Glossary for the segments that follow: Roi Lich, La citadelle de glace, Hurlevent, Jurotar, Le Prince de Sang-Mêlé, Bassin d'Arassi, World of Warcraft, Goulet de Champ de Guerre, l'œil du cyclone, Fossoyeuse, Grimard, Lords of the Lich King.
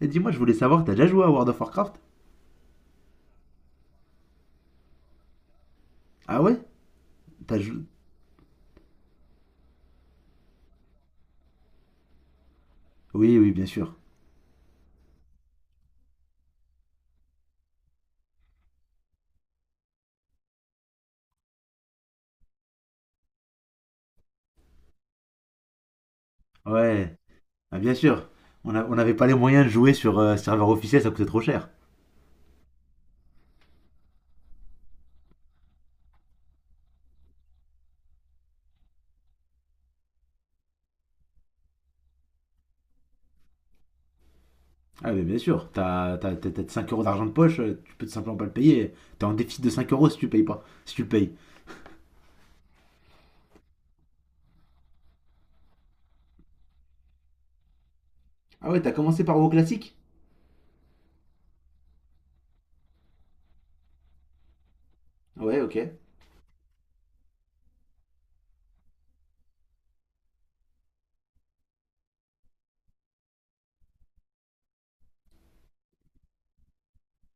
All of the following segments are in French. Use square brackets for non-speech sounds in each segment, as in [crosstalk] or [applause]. Et dis-moi, je voulais savoir, t'as déjà joué à World of Warcraft? Ah ouais? T'as joué? Oui, oui, bien sûr. Ouais, ah, bien sûr. On n'avait pas les moyens de jouer sur serveur officiel, ça coûtait trop cher. Ah mais bien sûr, t'as 5 € d'argent de poche, tu peux tout simplement pas le payer. T'es en déficit de 5 € si tu le payes pas, si tu le payes. Ah ouais, t'as commencé par WoW classique? Ouais, ok.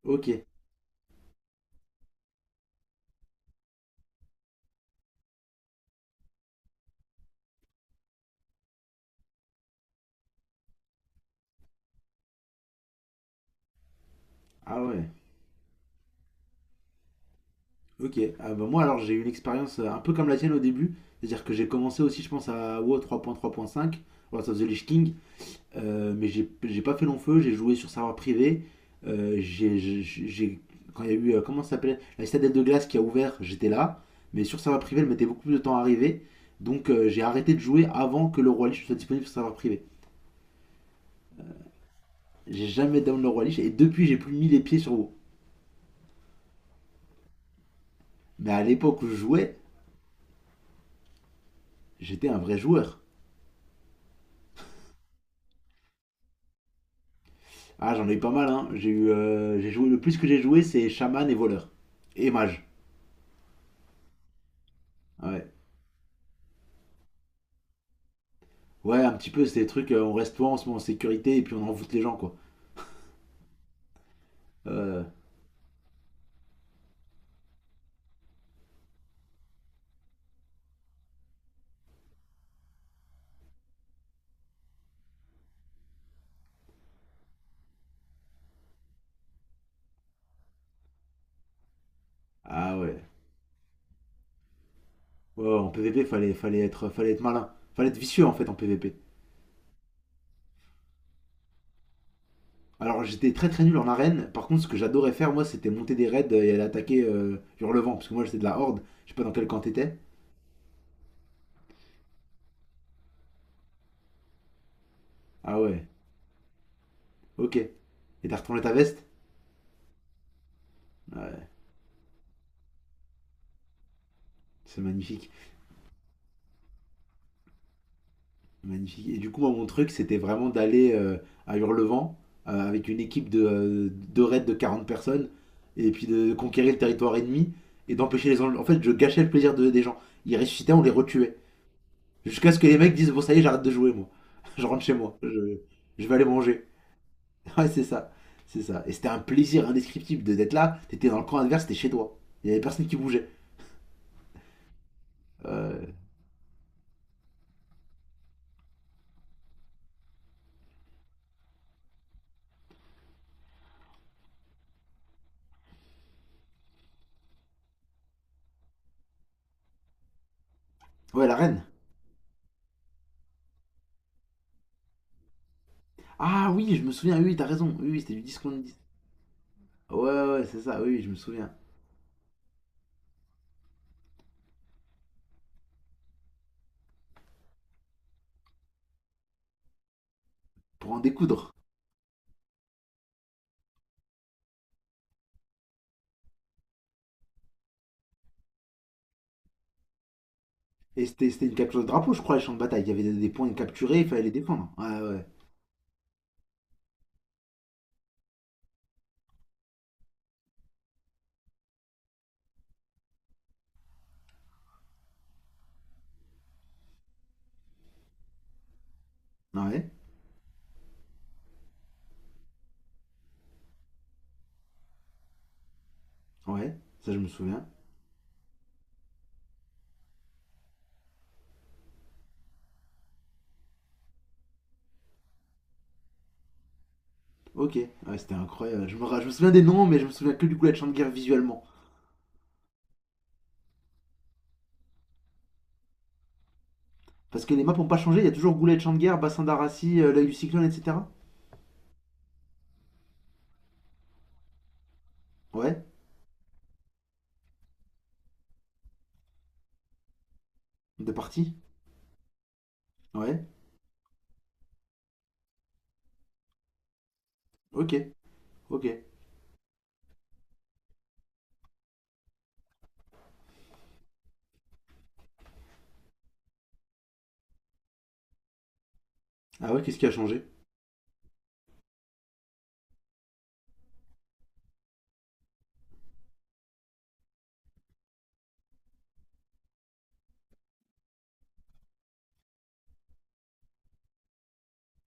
Ok. Ah ouais. Ok. Ah bah moi alors j'ai eu une expérience un peu comme la tienne au début. C'est-à-dire que j'ai commencé aussi je pense à WoW 3.3.5, Lords of the Lich King. Mais j'ai pas fait long feu, j'ai joué sur serveur privé. Euh, j'ai, j'ai- j'ai- Quand il y a eu, comment ça s'appelait La citadelle de glace qui a ouvert, j'étais là. Mais sur serveur privé, elle mettait beaucoup plus de temps à arriver. Donc j'ai arrêté de jouer avant que le Roi Lich soit disponible sur serveur privé. J'ai jamais down le Roi Lich et depuis, j'ai plus mis les pieds sur vous. Mais à l'époque où je jouais, j'étais un vrai joueur. Ah, j'en ai eu pas mal, hein. J'ai joué, le plus que j'ai joué, c'est chaman et voleur. Et mage. Ouais. Ouais, un petit peu, c'est des trucs, on reste toi, on se met en sécurité et puis on envoûte les gens, quoi. Euh, Ah ouais. Ouais, ouais, en PVP, fallait être malin. Fallait être vicieux en fait en PVP. Alors j'étais très très nul en arène. Par contre, ce que j'adorais faire, moi, c'était monter des raids et aller attaquer Hurlevent. Parce que moi, j'étais de la Horde. Je sais pas dans quel camp t'étais. Ah ouais, ok. Et t'as retourné ta veste. Ouais, c'est magnifique. Magnifique. Et du coup, moi, mon truc, c'était vraiment d'aller à Hurlevent avec une équipe de, de raids de 40 personnes. Et puis de conquérir le territoire ennemi et d'empêcher les enjeux. En fait, je gâchais le plaisir des gens. Ils ressuscitaient, on les retuait. Jusqu'à ce que les mecs disent, bon, ça y est, j'arrête de jouer, moi. [laughs] Je rentre chez moi. Je vais aller manger. [laughs] Ouais, c'est ça. C'est ça. Et c'était un plaisir indescriptible d'être là. T'étais dans le camp adverse, t'étais chez toi. Il y avait personne qui bougeait. Euh, Ouais, la reine. Ah oui, je me souviens, oui, t'as raison. Oui, oui, c'était du 10 contre 10. Ouais, ouais, c'est ça, oui, oui, je me souviens. Pour en découdre. Et c'était une capture de drapeau, je crois, les champs de bataille. Il y avait des points capturés, il fallait les défendre. Ouais, ouais. Ouais, ouais, ça je me souviens. Ok, ouais, c'était incroyable. Je me souviens des noms, mais je me souviens que du coup, la champ de guerre visuellement. Parce que les maps n'ont pas changé, il y a toujours Goulet de Champ de Guerre, Bassin d'Arassi, l'œil du cyclone, etc. Ouais, de partie. Ouais, ok, ok. Ah ouais, qu'est-ce qui a changé?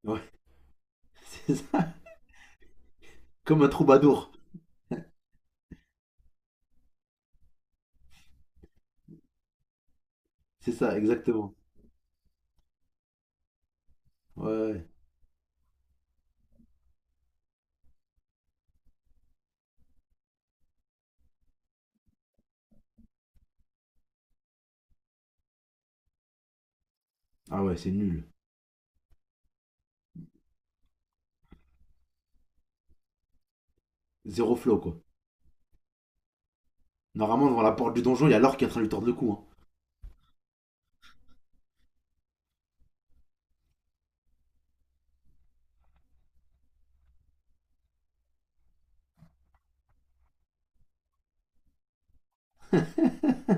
Ouais, [laughs] c'est ça. Comme un troubadour. C'est ça, exactement. Ouais. Ouais. Ah ouais, c'est nul. Zéro flow, quoi. Normalement, devant la porte du donjon, il y a l'or qui est en train de lui tordre le cou. Hein.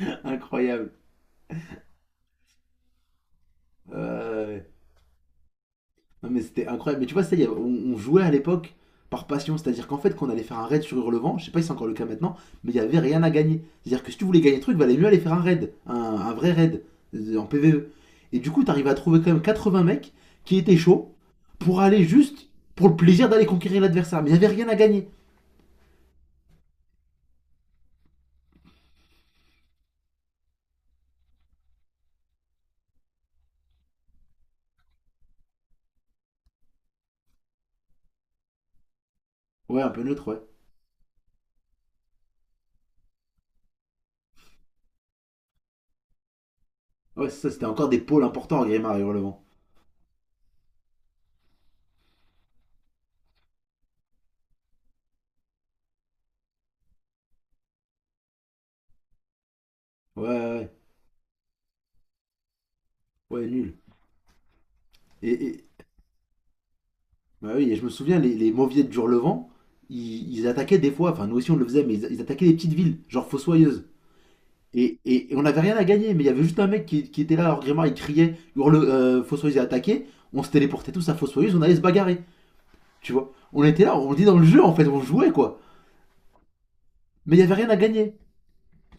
[laughs] Incroyable. Ouais, ouais. Ouais. Non, mais c'était incroyable. Mais tu vois, ça, on jouait à l'époque par passion. C'est-à-dire qu'en fait, quand on allait faire un raid sur Hurlevent, je sais pas si c'est encore le cas maintenant, mais il y avait rien à gagner. C'est-à-dire que si tu voulais gagner le truc, valait mieux aller faire un raid, un vrai raid en PVE. Et du coup, t'arrives à trouver quand même 80 mecs qui étaient chauds pour aller juste pour le plaisir d'aller conquérir l'adversaire. Mais il y avait rien à gagner. Ouais, un peu neutre, ouais. Ouais, c'est ça, c'était encore des pôles importants à Grimard et Hurlevent. Ouais, ouais, ouais, Ouais, nul. Et, et- Bah oui, et je me souviens, les mauviettes du Levant, ils attaquaient des fois, enfin nous aussi on le faisait, mais ils attaquaient des petites villes, genre Fossoyeuse. Et on n'avait rien à gagner, mais il y avait juste un mec qui était là, hors gréement, il criait, hurle, Fossoyeuse est attaqué, on se téléportait tous à Fossoyeuse, on allait se bagarrer, tu vois. On était là, on était dans le jeu en fait, on jouait quoi. Mais il y avait rien à gagner,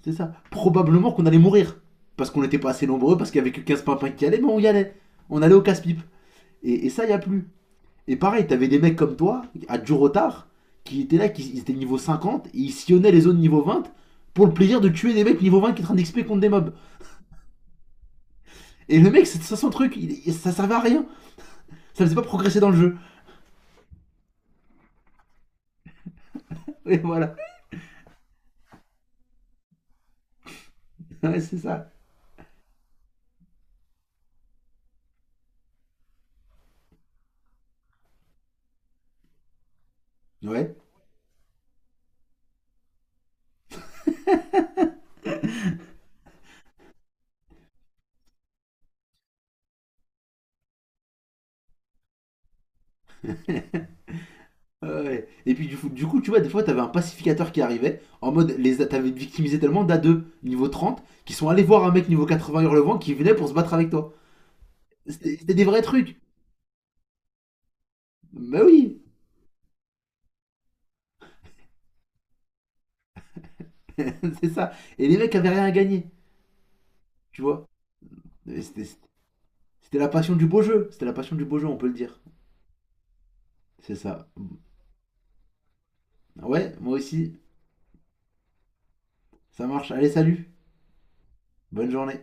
c'est ça. Probablement qu'on allait mourir, parce qu'on n'était pas assez nombreux, parce qu'il y avait que 15 pimpins qui allaient, mais on y allait. On allait au casse-pipe. Et ça, il y a plus. Et pareil, t'avais des mecs comme toi, à Jurotar, qui étaient là, qui étaient niveau 50, et ils sillonnaient les zones niveau 20 pour le plaisir de tuer des mecs niveau 20 qui étaient en train d'XP contre des mobs. Et le mec, c'était ça son truc, ça servait à rien, ça faisait pas progresser dans le jeu. [laughs] Et voilà, ouais, c'est ça. Ouais. [laughs] Ouais. Et puis du coup, tu vois, des fois, t'avais un pacificateur qui arrivait, en mode, les t'avais victimisé tellement da deux niveau 30, qui sont allés voir un mec niveau 80 hurlevent qui venait pour se battre avec toi. C'était des vrais trucs. Bah oui, [laughs] c'est ça. Et les mecs avaient rien à gagner, tu vois. C'était c'était la passion du beau jeu. C'était la passion du beau jeu, on peut le dire. C'est ça. Ouais, moi aussi. Ça marche. Allez, salut. Bonne journée.